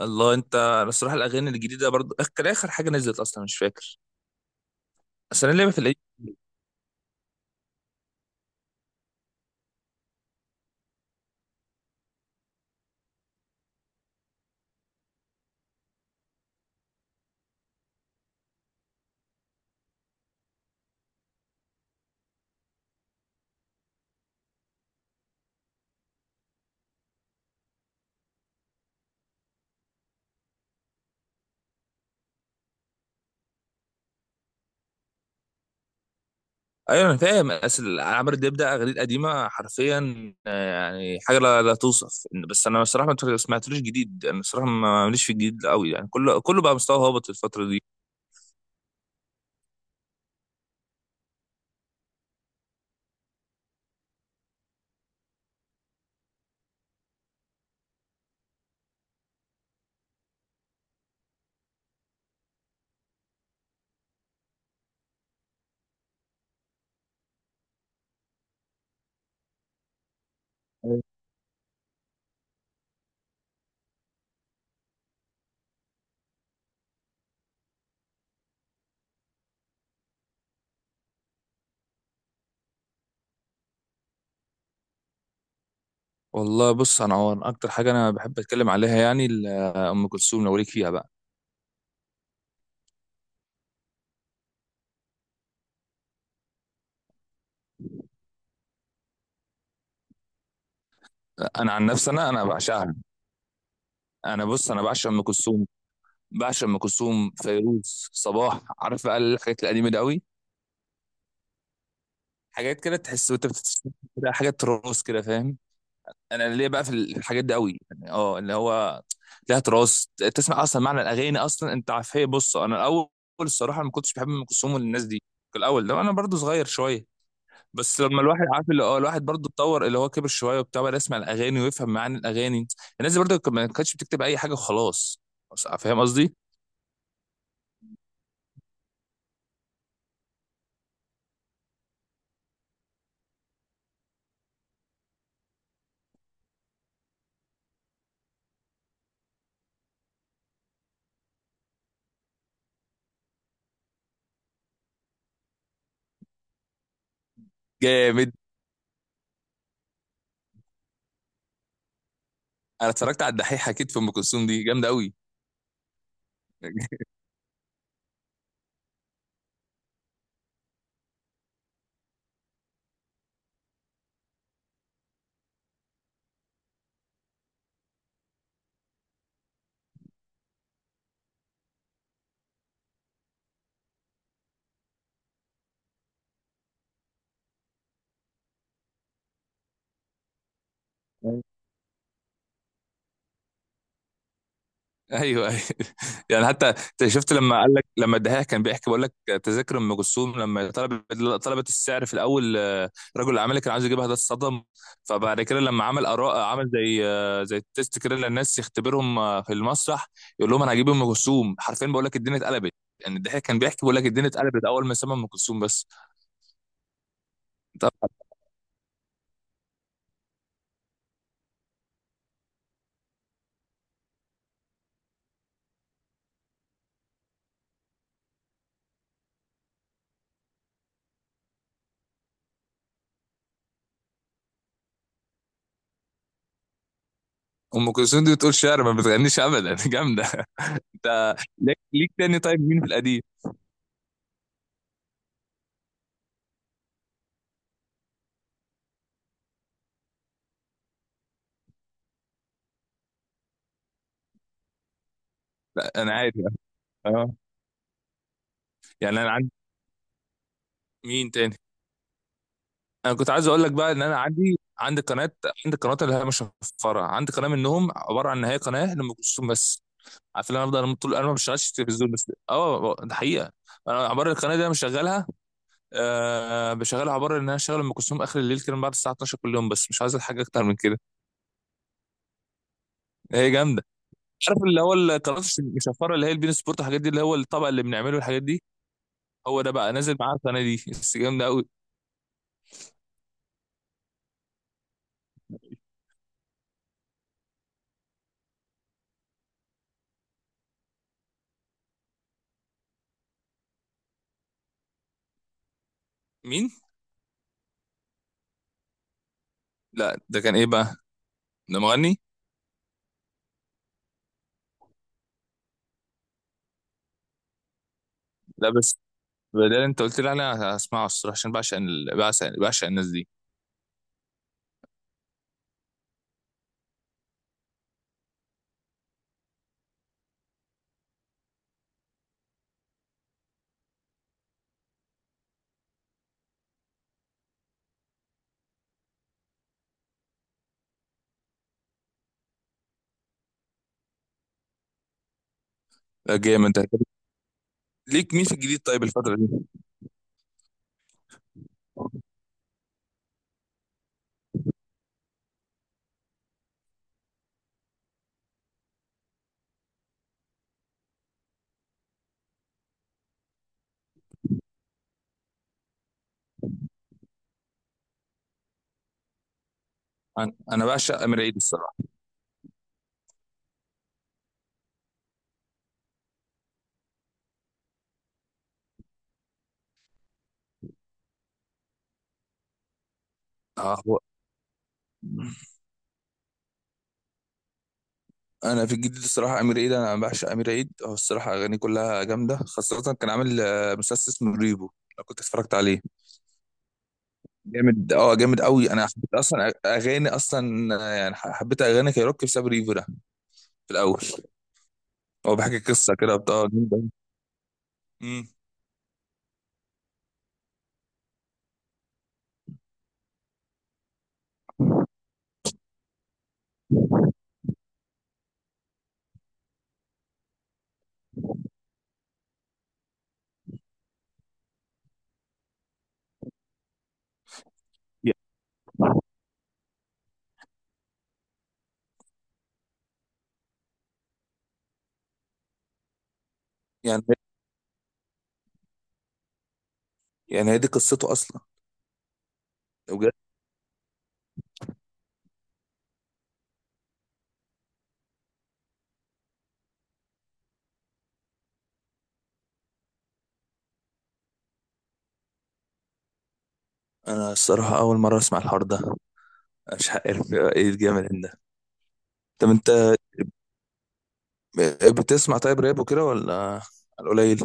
الله انت، انا الصراحه الاغاني الجديده برضو كان اخر حاجه نزلت اصلا مش فاكر. اصل انا لعبه في القديم. ايوه انا فاهم، اصل عمرو دياب ده اغاني قديمه حرفيا آه، يعني حاجه لا توصف. بس انا الصراحه ما سمعتلوش جديد، انا الصراحه ماليش في الجديد قوي، يعني كله بقى مستوى هابط الفتره دي. أيوة. والله بص، انا هو اكتر حاجه انا بحب اتكلم عليها يعني ام كلثوم، لو ليك فيها بقى. انا عن نفسي انا بعشقها. انا بص انا بعشق ام كلثوم، بعشق ام كلثوم، فيروز، صباح، عارف بقى الحاجات القديمه دي قوي. حاجات كده تحس وانت بتتفرج كده، حاجه تراث كده فاهم. انا ليه بقى في الحاجات دي قوي، يعني اه اللي هو ليها تراث. تسمع اصلا معنى الاغاني اصلا، انت عارف. هي بص انا الاول الصراحه ما كنتش بحب ام كلثوم والناس دي في الاول ده، انا برضو صغير شويه. بس لما الواحد عارف اللي اه الواحد برضو اتطور، اللي هو كبر شويه وبتاع، بقى يسمع الاغاني ويفهم معاني الاغاني. الناس دي برضو ما كانتش بتكتب اي حاجه وخلاص، فاهم قصدي. جامد. انا اتفرجت على الدحيح، اكيد، في ام كلثوم دي جامده قوي. ايوه ايوه. يعني حتى انت شفت لما قال لك، لما الدحيح كان بيحكي بيقول لك تذاكر ام كلثوم لما طلبت، طلبت السعر في الاول آه، رجل الاعمال اللي كان عايز يجيبها ده اتصدم. فبعد كده لما عمل اراء، عمل زي آه، زي تيست كده للناس، يختبرهم آه، في المسرح، يقول لهم انا هجيب ام كلثوم. حرفيا بقول لك الدنيا اتقلبت، يعني الدحيح كان بيحكي بيقول لك الدنيا اتقلبت اول ما سمع ام كلثوم بس. طب ام كلثوم دي بتقول شعر، ما بتغنيش ابدا. جامده. انت ليك، ليك تاني طيب مين في القديم؟ لا انا عادي. اه يعني انا عندي، مين تاني؟ انا كنت عايز اقول لك بقى ان انا عندي قناه، عندي قناه اللي هي مش مشفره، عندي قناه منهم عباره عن ان هي قناه لام كلثوم بس. عارف ان انا افضل طول، انا ما بشتغلش في التلفزيون، بس اه ده حقيقه. انا عباره القناه دي انا مشغلها، آه بشغلها، عباره ان انا شغال ام كلثوم اخر الليل كده من بعد الساعه 12 كل يوم، بس مش عايز حاجه اكتر من كده. هي جامده. عارف اللي هو القناه المشفره اللي هي البين سبورت والحاجات دي، اللي هو الطبق اللي بنعمله الحاجات دي، هو ده بقى نازل معاه القناه دي، بس جامده قوي. مين؟ لا ده كان ايه بقى؟ ده مغني؟ لا. بدل انت قلت لي، انا هسمعه الصراحه، عشان بعشق بعشق، بعشق الناس دي. لا جامد. انت ليك مين في الجديد طيب الفتره دي؟ انا أنا بعشق امير عيد الصراحه. آه هو، انا في الجديد الصراحه امير عيد، انا بعشق امير عيد، هو الصراحه اغانيه كلها جامده، خاصه كان عامل آه، مسلسل اسمه ريبو، لو كنت اتفرجت عليه. جامد اه، جامد قوي، انا حبيت اصلا اغاني اصلا آه، يعني حبيت اغاني كايروكي بسبب ريفو ده في الاول. هو بيحكي قصه كده بتاع، يعني يعني هي دي قصته اصلا. انا الصراحه اول مره اسمع الحوار ده، مش عارف ايه الجامد ده. طب انت بتسمع طيب راب وكده ولا على القليل؟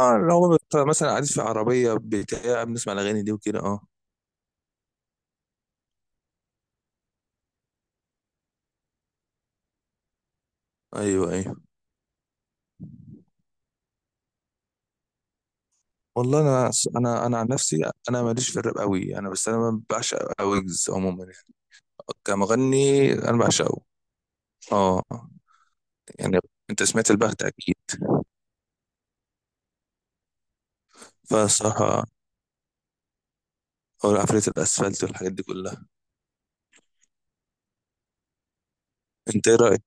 اه، لو مثلا قاعد في عربيه بتاع بنسمع الاغاني دي وكده اه. ايوه ايوه. والله انا، انا انا عن نفسي انا ماليش في الراب قوي، انا بس انا بعشق ويجز عموما يعني. كمغني انا بعشقه. اه يعني انت سمعت البخت اكيد. فالصراحه هو عفريت الاسفلت والحاجات دي كلها. انت ايه؟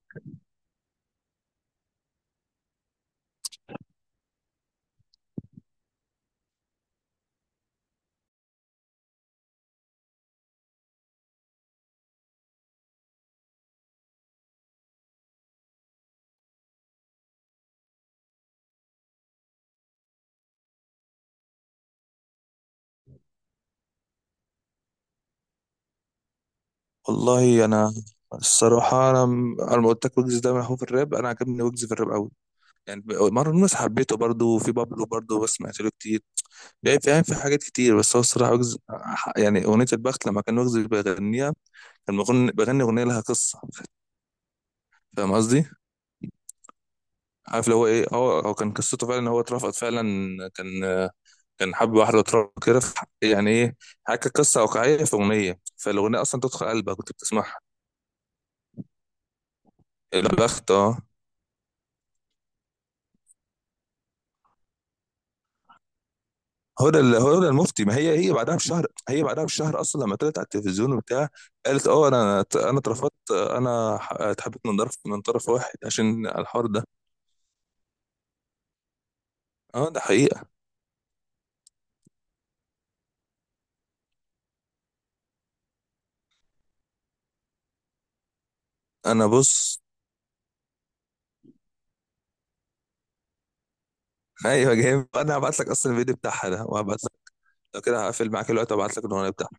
والله انا الصراحه انا ما قلت لك ويجز ده هو في الراب، انا عجبني ويجز في الراب قوي. يعني مره الناس حبيته برضه، وفي بابلو برضه، بس سمعت له كتير يعني فاهم، في حاجات كتير. بس هو الصراحه يعني اغنيه البخت لما كان ويجز بيغنيها، كان بيغني اغنيه لها قصه، فاهم قصدي. عارف اللي هو ايه، هو كان قصته فعلا ان هو اترفض فعلا، كان، كان حب واحده واترفض كده يعني ايه، حكى قصه واقعيه في اغنيه، فالاغنيه اصلا تدخل قلبك وانت بتسمعها. البخت اه. هدى المفتي، ما هي هي بعدها بشهر، هي بعدها بشهر اصلا لما طلعت على التلفزيون وبتاع، قالت اه انا، اترفضت، انا اتحبت من طرف، من طرف واحد، عشان الحوار ده. اه ده حقيقة. انا بص، ايوه جامد، انا هبعت لك اصلا الفيديو بتاعها ده، وهبعت لك. لو كده هقفل معاك دلوقتي وابعت لك الاغنيه بتاعها.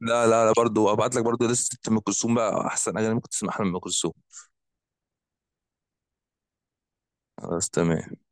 لا لا لا، برضه وابعت لك برضه لسه ام كلثوم، بقى احسن اغاني ممكن تسمعها لام كلثوم. خلاص تمام.